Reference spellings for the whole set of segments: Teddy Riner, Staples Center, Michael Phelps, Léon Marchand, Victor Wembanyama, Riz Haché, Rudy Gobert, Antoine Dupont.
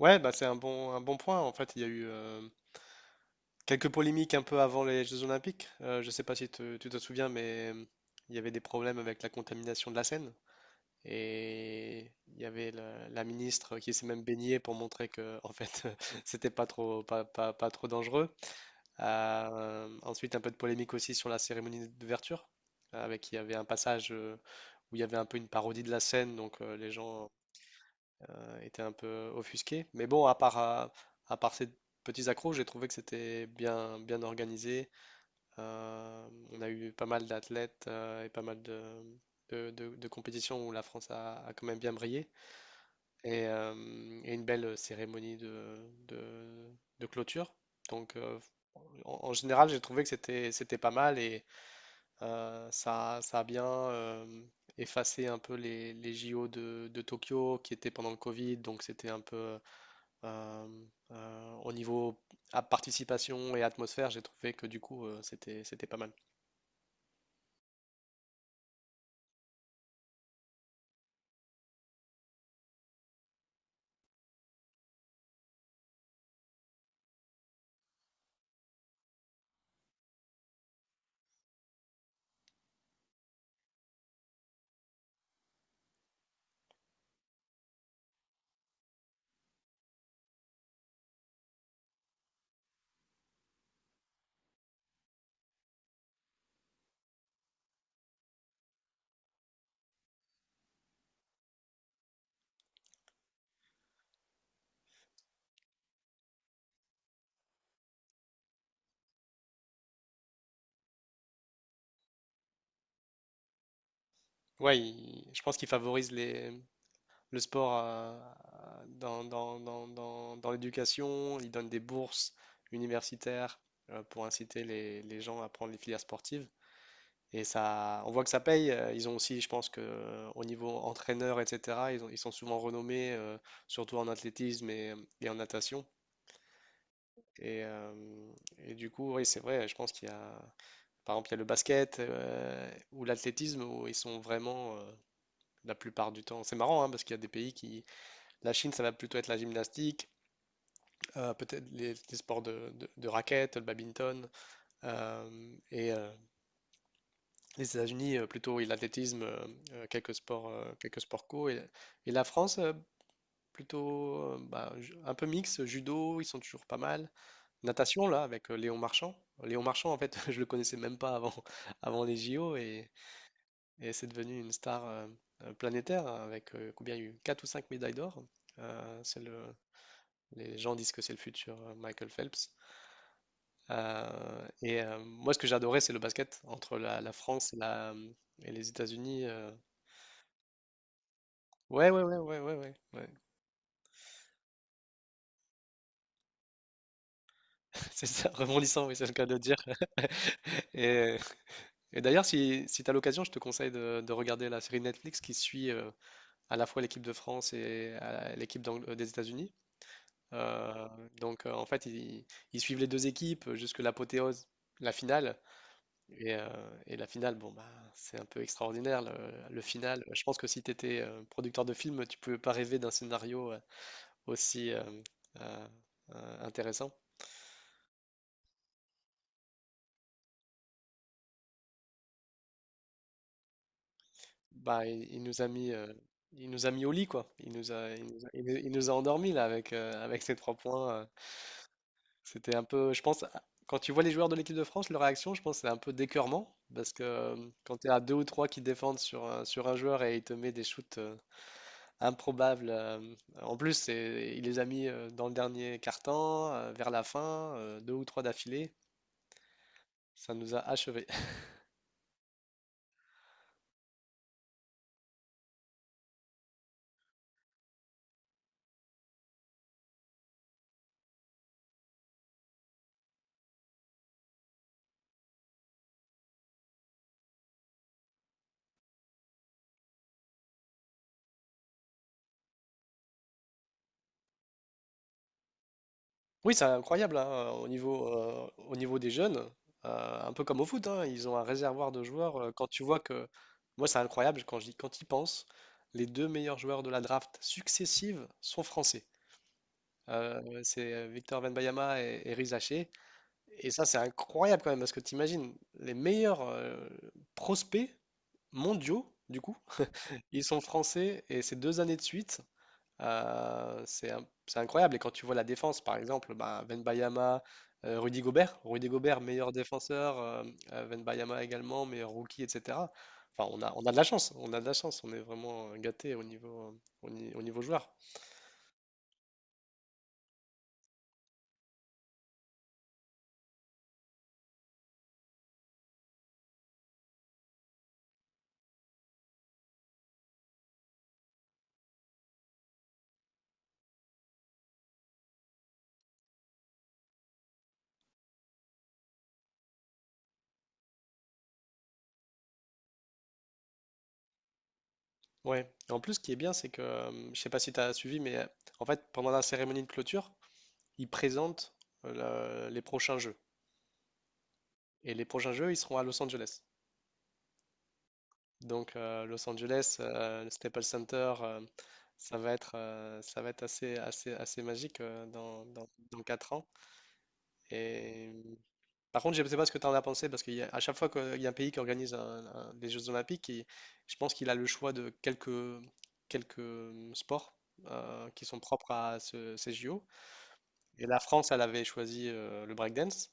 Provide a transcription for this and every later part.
Ouais, bah c'est un bon point. En fait, il y a eu quelques polémiques un peu avant les Jeux Olympiques. Je ne sais pas si tu te souviens, mais il y avait des problèmes avec la contamination de la Seine. Et il y avait la ministre qui s'est même baignée pour montrer que, en fait, c'était pas trop, pas trop dangereux. Ensuite, un peu de polémique aussi sur la cérémonie d'ouverture, avec il y avait un passage où il y avait un peu une parodie de la Seine, donc les gens était un peu offusqué. Mais bon, à part ces petits accros, j'ai trouvé que c'était bien, bien organisé. On a eu pas mal d'athlètes et pas mal de compétitions où la France a quand même bien brillé. Et, euh, et une belle cérémonie de, de clôture. Donc, euh, En général, j'ai trouvé que c'était pas mal et ça a bien effacé un peu les JO de Tokyo qui étaient pendant le Covid. Donc, c'était un peu euh, au niveau à participation et atmosphère, j'ai trouvé que du coup, c'était pas mal. Ouais, je pense qu'il favorise les, le sport dans l'éducation. Il donne des bourses universitaires pour inciter les gens à prendre les filières sportives. Et ça, on voit que ça paye. Ils ont aussi, je pense que au niveau entraîneur, etc., ils sont souvent renommés, surtout en athlétisme et en natation. Et, euh, et du coup, oui, c'est vrai, je pense qu'il y a, par exemple, il y a le basket ou l'athlétisme où ils sont vraiment la plupart du temps. C'est marrant hein, parce qu'il y a des pays qui. La Chine, ça va plutôt être la gymnastique, peut-être les sports de raquettes, le badminton. euh, et euh, les États-Unis, plutôt oui, l'athlétisme, quelques sports co. Et la France, un peu mixte, judo, ils sont toujours pas mal. Natation, là, avec Léon Marchand. Léon Marchand, en fait, je le connaissais même pas avant, avant les JO. Et c'est devenu une star planétaire avec combien il y a eu 4 ou 5 médailles d'or. Euh, c'est le- les gens disent que c'est le futur Michael Phelps. Moi, ce que j'adorais, c'est le basket entre la France et les États-Unis. Ouais, ouais, ouais, ouais, ouais, ouais, ouais. C'est ça, rebondissant, oui, c'est le cas de le dire. Et, et d'ailleurs, si tu as l'occasion, je te conseille de regarder la série Netflix qui suit à la fois l'équipe de France et des États-Unis. Euh, En fait, ils suivent les deux équipes jusque l'apothéose, la finale. Et, euh, et la finale, bon, bah, c'est un peu extraordinaire. Le final, je pense que si tu étais producteur de film, tu pouvais pas rêver d'un scénario aussi euh, intéressant. Bah, il nous a mis, il nous a mis au lit, quoi. Il nous a endormis là avec, avec ces trois points. C'était un peu, je pense, quand tu vois les joueurs de l'équipe de France, leur réaction, je pense, c'est un peu d'écœurement. Parce que quand tu as deux ou trois qui défendent sur un joueur et il te met des shoots improbables, en plus, il les a mis dans le dernier quart-temps, vers la fin, deux ou trois d'affilée, ça nous a achevés. Oui, c'est incroyable hein, au niveau des jeunes, un peu comme au foot, hein, ils ont un réservoir de joueurs. Quand tu vois que, Moi c'est incroyable quand y pense, les deux meilleurs joueurs de la draft successive sont français. C'est Victor Wembanyama et Riz Haché. Et ça c'est incroyable quand même parce que tu imagines les meilleurs prospects mondiaux du coup, ils sont français et c'est deux années de suite. C'est incroyable. Et quand tu vois la défense, par exemple, Ben Wembayama, Rudy Gobert, Rudy Gobert, meilleur défenseur, Wembayama également, meilleur rookie, etc. Enfin, on a de la chance, on a de la chance, on est vraiment gâté au niveau, au, ni- au niveau joueur. Ouais. Et en plus, ce qui est bien, c'est que, je sais pas si tu as suivi, mais en fait, pendant la cérémonie de clôture, ils présentent euh, les prochains jeux. Et les prochains jeux, ils seront à Los Angeles. Donc Los Angeles, le Staples Center, ça va être assez magique dans 4 ans. Et par contre, je ne sais pas ce que tu en as pensé, parce qu'à chaque fois qu'il y a un pays qui organise des Jeux Olympiques, je pense qu'il a le choix quelques sports qui sont propres à ces JO. Et la France, elle avait choisi le breakdance.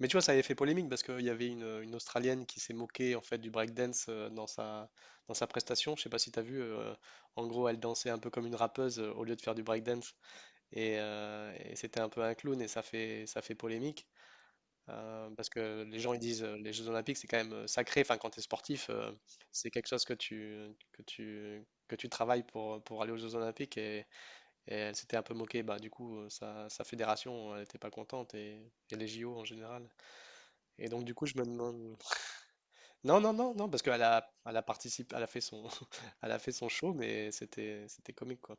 Mais tu vois, ça avait fait polémique parce qu'il y avait une Australienne qui s'est moquée en fait du breakdance dans sa prestation. Je sais pas si tu as vu, en gros, elle dansait un peu comme une rappeuse au lieu de faire du breakdance. Et c'était un peu un clown et ça fait polémique. Parce que les gens ils disent les Jeux Olympiques c'est quand même sacré. Enfin, quand tu es sportif, c'est quelque chose que tu, que tu travailles pour aller aux Jeux Olympiques. Et elle s'était un peu moquée. Bah, du coup, sa fédération, elle n'était pas contente et les JO en général. Et donc du coup, je me demande. Non, non, non, non, parce qu'elle a participé, elle a fait son, elle a fait son show, mais c'était comique quoi.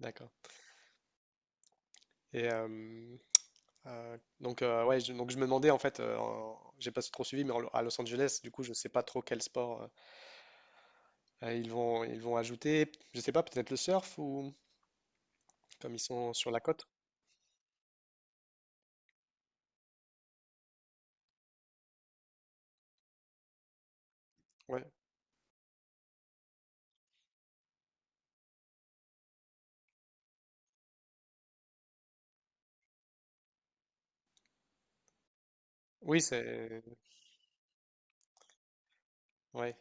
D'accord. Et euh, ouais, donc je me demandais en fait, j'ai pas trop suivi, mais à Los Angeles, du coup, je sais pas trop quel sport ils vont ajouter. Je sais pas, peut-être le surf ou comme ils sont sur la côte. Ouais. Oui, c'est, ouais.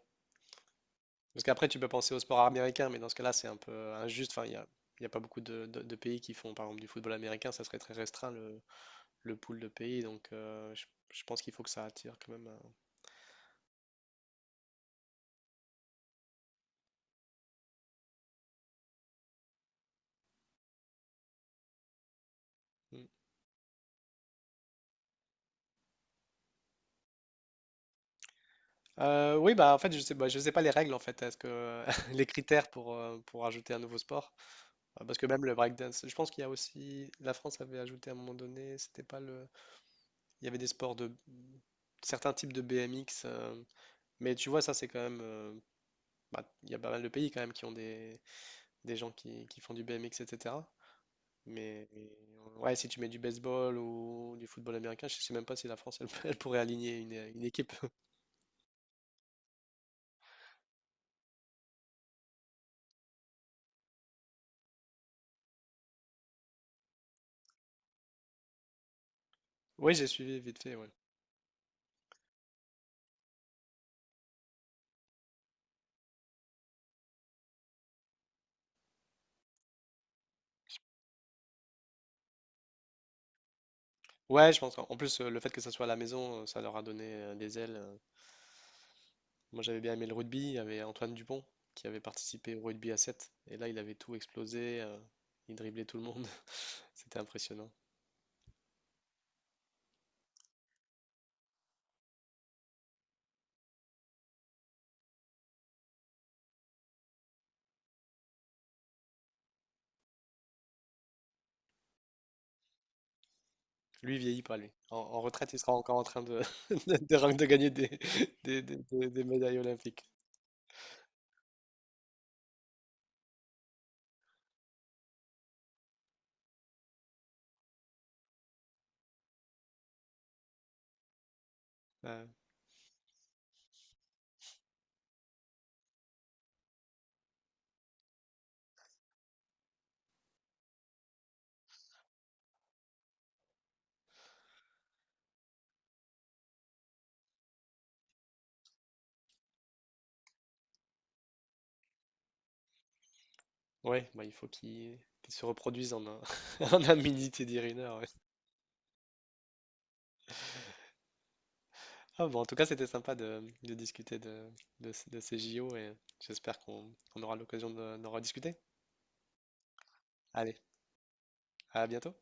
Parce qu'après, tu peux penser au sport américain, mais dans ce cas-là, c'est un peu injuste. Enfin, il y a pas beaucoup de pays qui font, par exemple, du football américain. Ça serait très restreint le pool de pays. Donc, je pense qu'il faut que ça attire quand même. Mm. Oui, bah en fait, bah, je sais pas les règles en fait. Est-ce que les critères pour ajouter un nouveau sport? Parce que même le breakdance, je pense qu'il y a aussi. La France avait ajouté à un moment donné. C'était pas le. Il y avait des sports de certains types de BMX. Mais tu vois, ça c'est quand même. Bah, il y a pas mal de pays quand même qui ont des gens qui font du BMX, etc. Mais ouais, si tu mets du baseball ou du football américain, je sais même pas si la France elle, elle pourrait aligner une équipe. Oui, j'ai suivi vite fait, ouais. Ouais, je pense qu'en en plus le fait que ça soit à la maison, ça leur a donné des ailes. Moi, j'avais bien aimé le rugby, il y avait Antoine Dupont qui avait participé au rugby à 7 et là, il avait tout explosé, il driblait tout le monde. C'était impressionnant. Lui, il vieillit pas lui. En retraite, il sera encore en train de de gagner des, des médailles olympiques. Ouais. Ouais, bah, il faut qu'ils se reproduisent en un mini Teddy Riner. Ouais. Ah bon, en tout cas, c'était sympa de discuter de ces JO et j'espère qu'on on aura l'occasion d'en rediscuter. Allez, à bientôt.